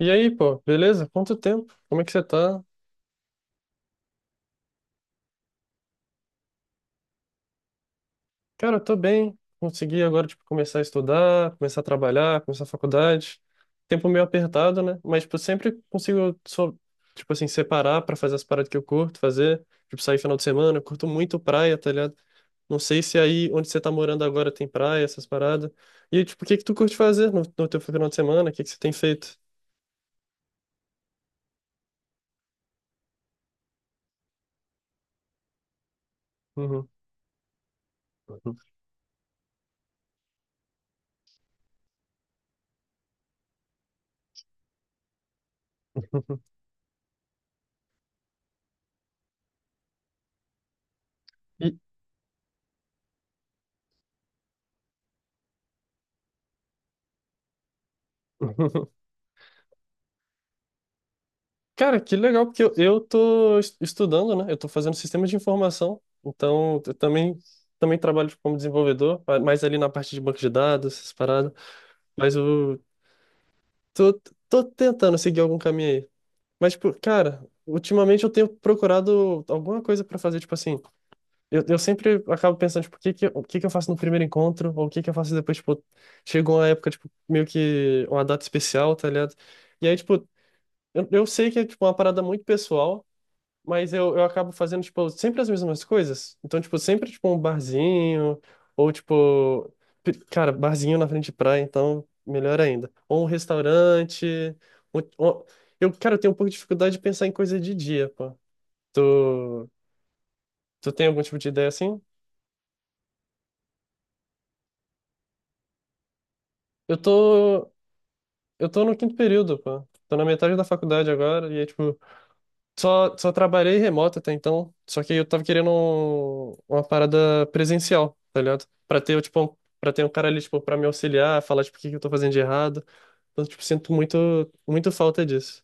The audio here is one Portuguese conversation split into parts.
E aí, pô, beleza? Quanto tempo? Como é que você tá? Cara, eu tô bem. Consegui agora, tipo, começar a estudar, começar a trabalhar, começar a faculdade. Tempo meio apertado, né? Mas, tipo, sempre consigo, só, tipo assim, separar pra fazer as paradas que eu curto fazer. Tipo, sair final de semana. Eu curto muito praia, tá ligado? Não sei se aí onde você tá morando agora tem praia, essas paradas. E, tipo, o que que tu curte fazer no teu final de semana? O que que você tem feito? Uhum. E... Cara, que legal, porque eu tô estudando, né? Eu tô fazendo sistemas de informação, então eu também, também trabalho tipo, como desenvolvedor, mais ali na parte de banco de dados, essas paradas. Mas eu tô, tô tentando seguir algum caminho aí. Mas, tipo, cara, ultimamente eu tenho procurado alguma coisa pra fazer, tipo assim, eu sempre acabo pensando, tipo, o que que, o que que eu faço no primeiro encontro, ou o que que eu faço depois, tipo, chegou uma época, tipo, meio que uma data especial, tá ligado? E aí, tipo, eu sei que é, tipo, uma parada muito pessoal, mas eu acabo fazendo, tipo, sempre as mesmas coisas. Então, tipo, sempre, tipo, um barzinho, ou, tipo, cara, barzinho na frente de praia, então, melhor ainda. Ou um restaurante. ou- ou- Eu, cara, eu tenho um pouco de dificuldade de pensar em coisa de dia, pô. Tu, tu tem algum tipo de ideia assim? Eu tô, eu tô no quinto período, pô. Tô na metade da faculdade agora, e é, tipo, só, só trabalhei remoto até então, só que eu tava querendo uma parada presencial, tá ligado? Pra ter, tipo, um, pra ter um cara ali, tipo, pra me auxiliar, falar, tipo, o que que eu tô fazendo de errado. Então, tipo, sinto muito, muito falta disso.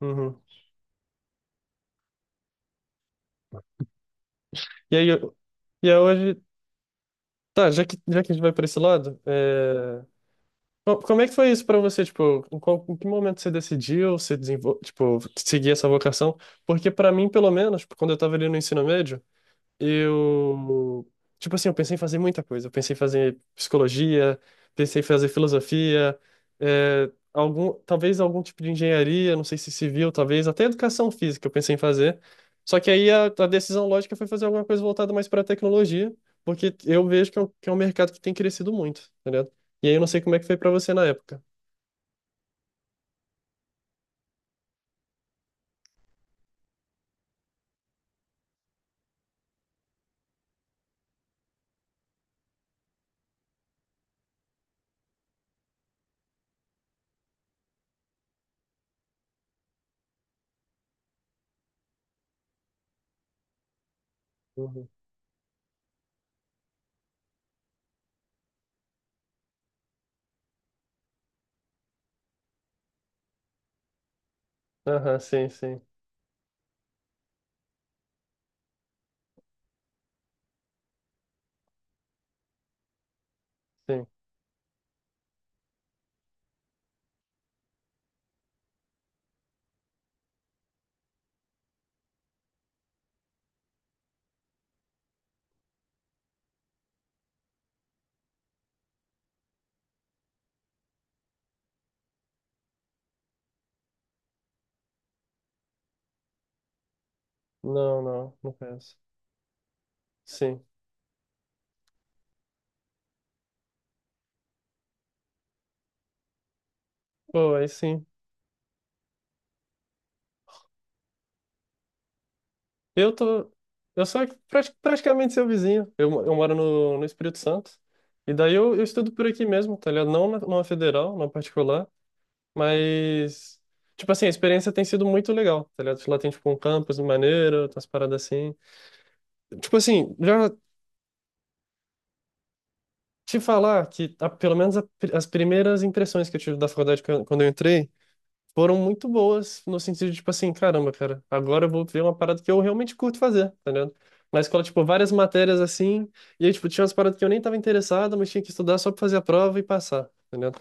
Uhum. E aí, e aí hoje, tá, já que a gente vai pra esse lado, é... como é que foi isso pra você, tipo, em, qual, em que momento você decidiu, você tipo, seguir essa vocação? Porque pra mim, pelo menos, tipo, quando eu tava ali no ensino médio, eu, tipo assim, eu pensei em fazer muita coisa. Eu pensei em fazer psicologia, pensei em fazer filosofia, é, algum, talvez algum tipo de engenharia, não sei se civil, talvez até educação física eu pensei em fazer. Só que aí a decisão lógica foi fazer alguma coisa voltada mais para a tecnologia, porque eu vejo que é um mercado que tem crescido muito, tá ligado? E aí eu não sei como é que foi para você na época. Uhum. Aham, sim, sim, sim. Não, não, não penso. Sim. Pô, aí sim. Eu tô. Eu sou praticamente seu vizinho. Eu, eu moro no, no Espírito Santo. E daí eu estudo por aqui mesmo, tá ligado? Não na, numa federal, numa particular. Mas. Tipo assim, a experiência tem sido muito legal, tá ligado? Lá tem, tipo, um campus maneiro, umas paradas assim. Tipo assim, já te falar que, pelo menos a as primeiras impressões que eu tive da faculdade quando eu entrei, foram muito boas no sentido de, tipo assim, caramba, cara, agora eu vou ver uma parada que eu realmente curto fazer, tá ligado? Na escola, tipo, várias matérias assim, e aí, tipo, tinha umas paradas que eu nem tava interessado, mas tinha que estudar só pra fazer a prova e passar, tá ligado?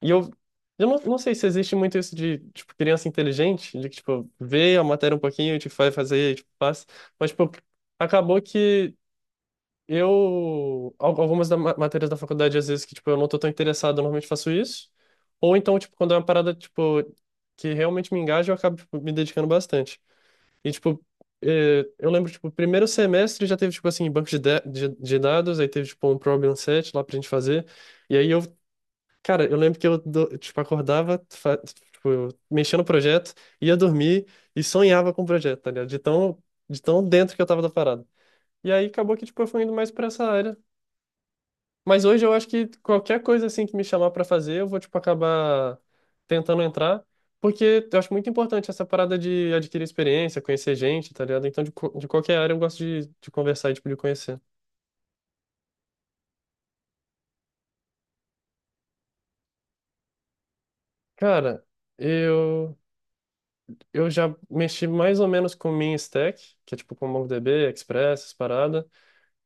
E eu não, não sei se existe muito isso de, tipo, criança inteligente, de que, tipo, vê a matéria um pouquinho, e, tipo, vai fazer, e, tipo, passa, mas, tipo, acabou que eu, algumas matérias da faculdade, às vezes, que, tipo, eu não tô tão interessado, eu normalmente faço isso. Ou então, tipo, quando é uma parada, tipo, que realmente me engaja, eu acabo, tipo, me dedicando bastante. E, tipo, eu lembro, tipo, primeiro semestre já teve, tipo, assim, banco de, da- de dados, aí teve, tipo, um problem set lá pra gente fazer. E aí eu, cara, eu lembro que eu, tipo, acordava, tipo, mexia no projeto, ia dormir e sonhava com o projeto, tá ligado? De tão dentro que eu tava da parada. E aí acabou que, tipo, eu fui indo mais pra essa área. Mas hoje eu acho que qualquer coisa assim que me chamar pra fazer, eu vou tipo acabar tentando entrar, porque eu acho muito importante essa parada de adquirir experiência, conhecer gente, tá ligado? Então de, de qualquer área eu gosto de conversar e tipo de conhecer. Cara, eu eu já mexi mais ou menos com min stack, que é tipo com MongoDB, Express, essas parada,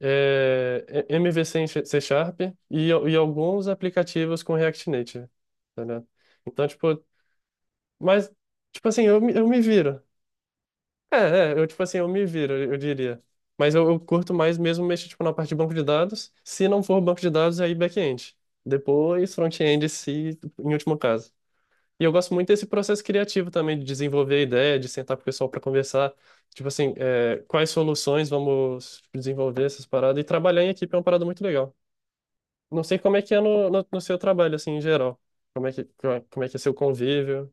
MVC em C Sharp e, e alguns aplicativos com React Native, tá ligado? Então tipo, mas tipo assim, eu, eu me viro. É, é, eu, tipo assim, eu me viro, eu diria. Mas eu curto mais mesmo mexer, tipo, na parte de banco de dados. Se não for banco de dados, aí back-end. Depois, front-end, se, em último caso. E eu gosto muito desse processo criativo também, de desenvolver a ideia, de sentar com o pessoal para conversar. Tipo assim, é, quais soluções vamos desenvolver essas paradas. E trabalhar em equipe é uma parada muito legal. Não sei como é que é no seu trabalho, assim, em geral. Como é que, como é que é seu convívio.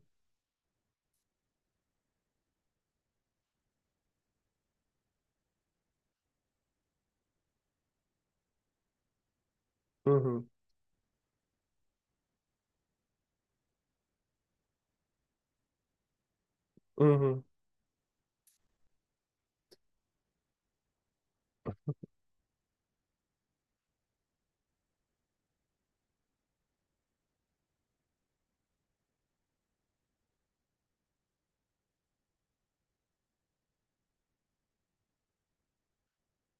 Uhum, uhum,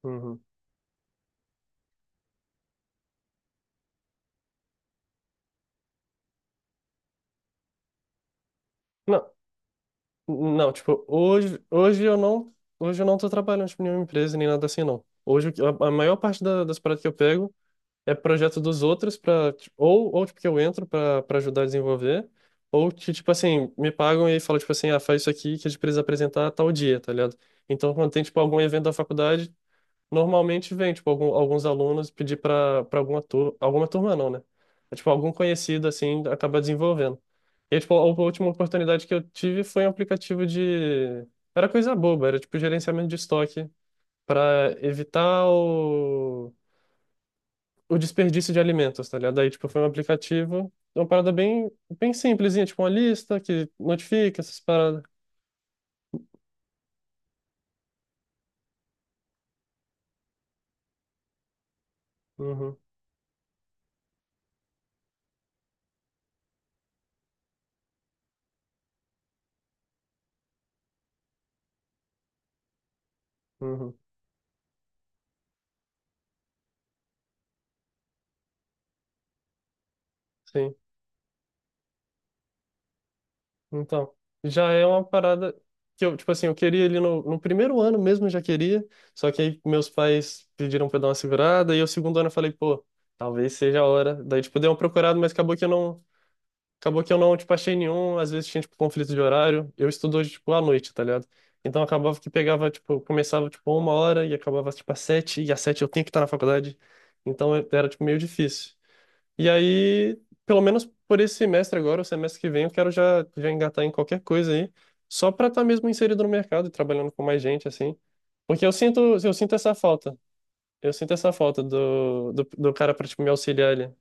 uhum. Não. Não, tipo, hoje, hoje eu não tô trabalhando tipo, em nenhuma empresa nem nada assim, não. Hoje a maior parte das paradas que eu pego é projeto dos outros para ou tipo que eu entro para ajudar a desenvolver, ou que tipo assim, me pagam e falam tipo assim, ah, faz isso aqui que a gente precisa apresentar tal dia, tá ligado? Então, quando tem tipo algum evento da faculdade, normalmente vem, tipo, alguns alunos pedir para alguma turma não, né? É, tipo, algum conhecido, assim, acaba desenvolvendo. E, aí, tipo, a última oportunidade que eu tive foi um aplicativo de... Era coisa boba, era, tipo, gerenciamento de estoque para evitar o desperdício de alimentos, tá ligado? Aí, tipo, foi um aplicativo, uma parada bem, bem simplesinha, tipo, uma lista que notifica essas paradas. Uhum, uhum, sim. Então, já é uma parada que eu, tipo assim, eu queria ali no, no primeiro ano mesmo, eu já queria, só que aí meus pais pediram pra eu dar uma segurada, e o segundo ano eu falei, pô, talvez seja a hora. Daí, tipo, dei uma procurada, mas acabou que eu não, acabou que eu não, tipo, achei nenhum, às vezes tinha, tipo, conflito de horário, eu estudo hoje, tipo, à noite, tá ligado? Então acabava que pegava, tipo, começava, tipo, uma hora e acabava, tipo, às sete, e às sete eu tinha que estar na faculdade, então era, tipo, meio difícil. E aí, pelo menos por esse semestre agora, o semestre que vem, eu quero já, já engatar em qualquer coisa aí, só para estar mesmo inserido no mercado e trabalhando com mais gente, assim. Porque eu sinto essa falta. Eu sinto essa falta do cara para, tipo, me auxiliar ali.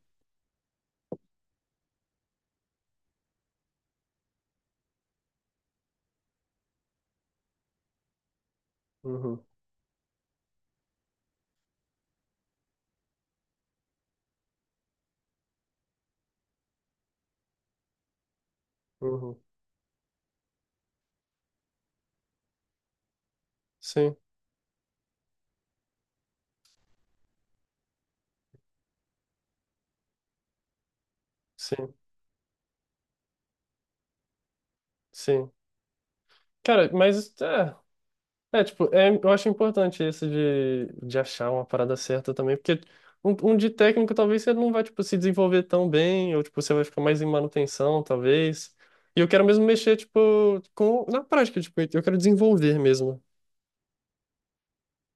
Uhum, uhum. Sim, sim, sim. Cara, mas é. É, tipo, é, eu acho importante isso de achar uma parada certa também, porque um de técnico talvez você não vai, tipo, se desenvolver tão bem, ou, tipo, você vai ficar mais em manutenção, talvez. E eu quero mesmo mexer, tipo, com, na prática, tipo, eu quero desenvolver mesmo.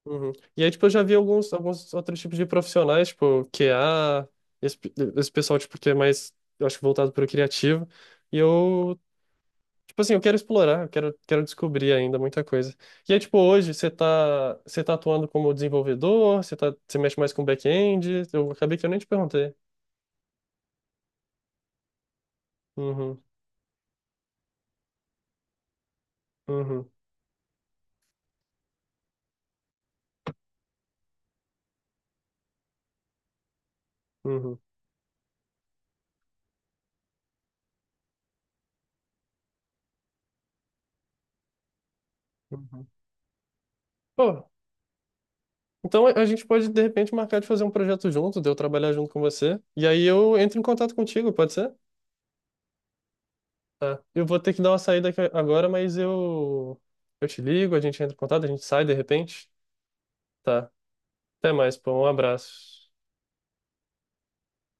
Uhum. E aí, tipo, eu já vi alguns, alguns outros tipos de profissionais, tipo, QA, esse, esse pessoal, tipo, que é mais, eu acho, voltado para o criativo. E eu tipo assim, eu quero explorar, eu quero, quero descobrir ainda muita coisa. E aí, tipo, hoje você tá atuando como desenvolvedor, você tá, você mexe mais com back-end, eu acabei que eu nem te perguntei. Uhum, uhum, uhum, uhum. Pô, então a gente pode, de repente, marcar de fazer um projeto junto, de eu trabalhar junto com você, e aí eu entro em contato contigo, pode ser? Tá. Eu vou ter que dar uma saída aqui agora, mas eu te ligo, a gente entra em contato, a gente sai de repente. Tá. Até mais, pô, um abraço.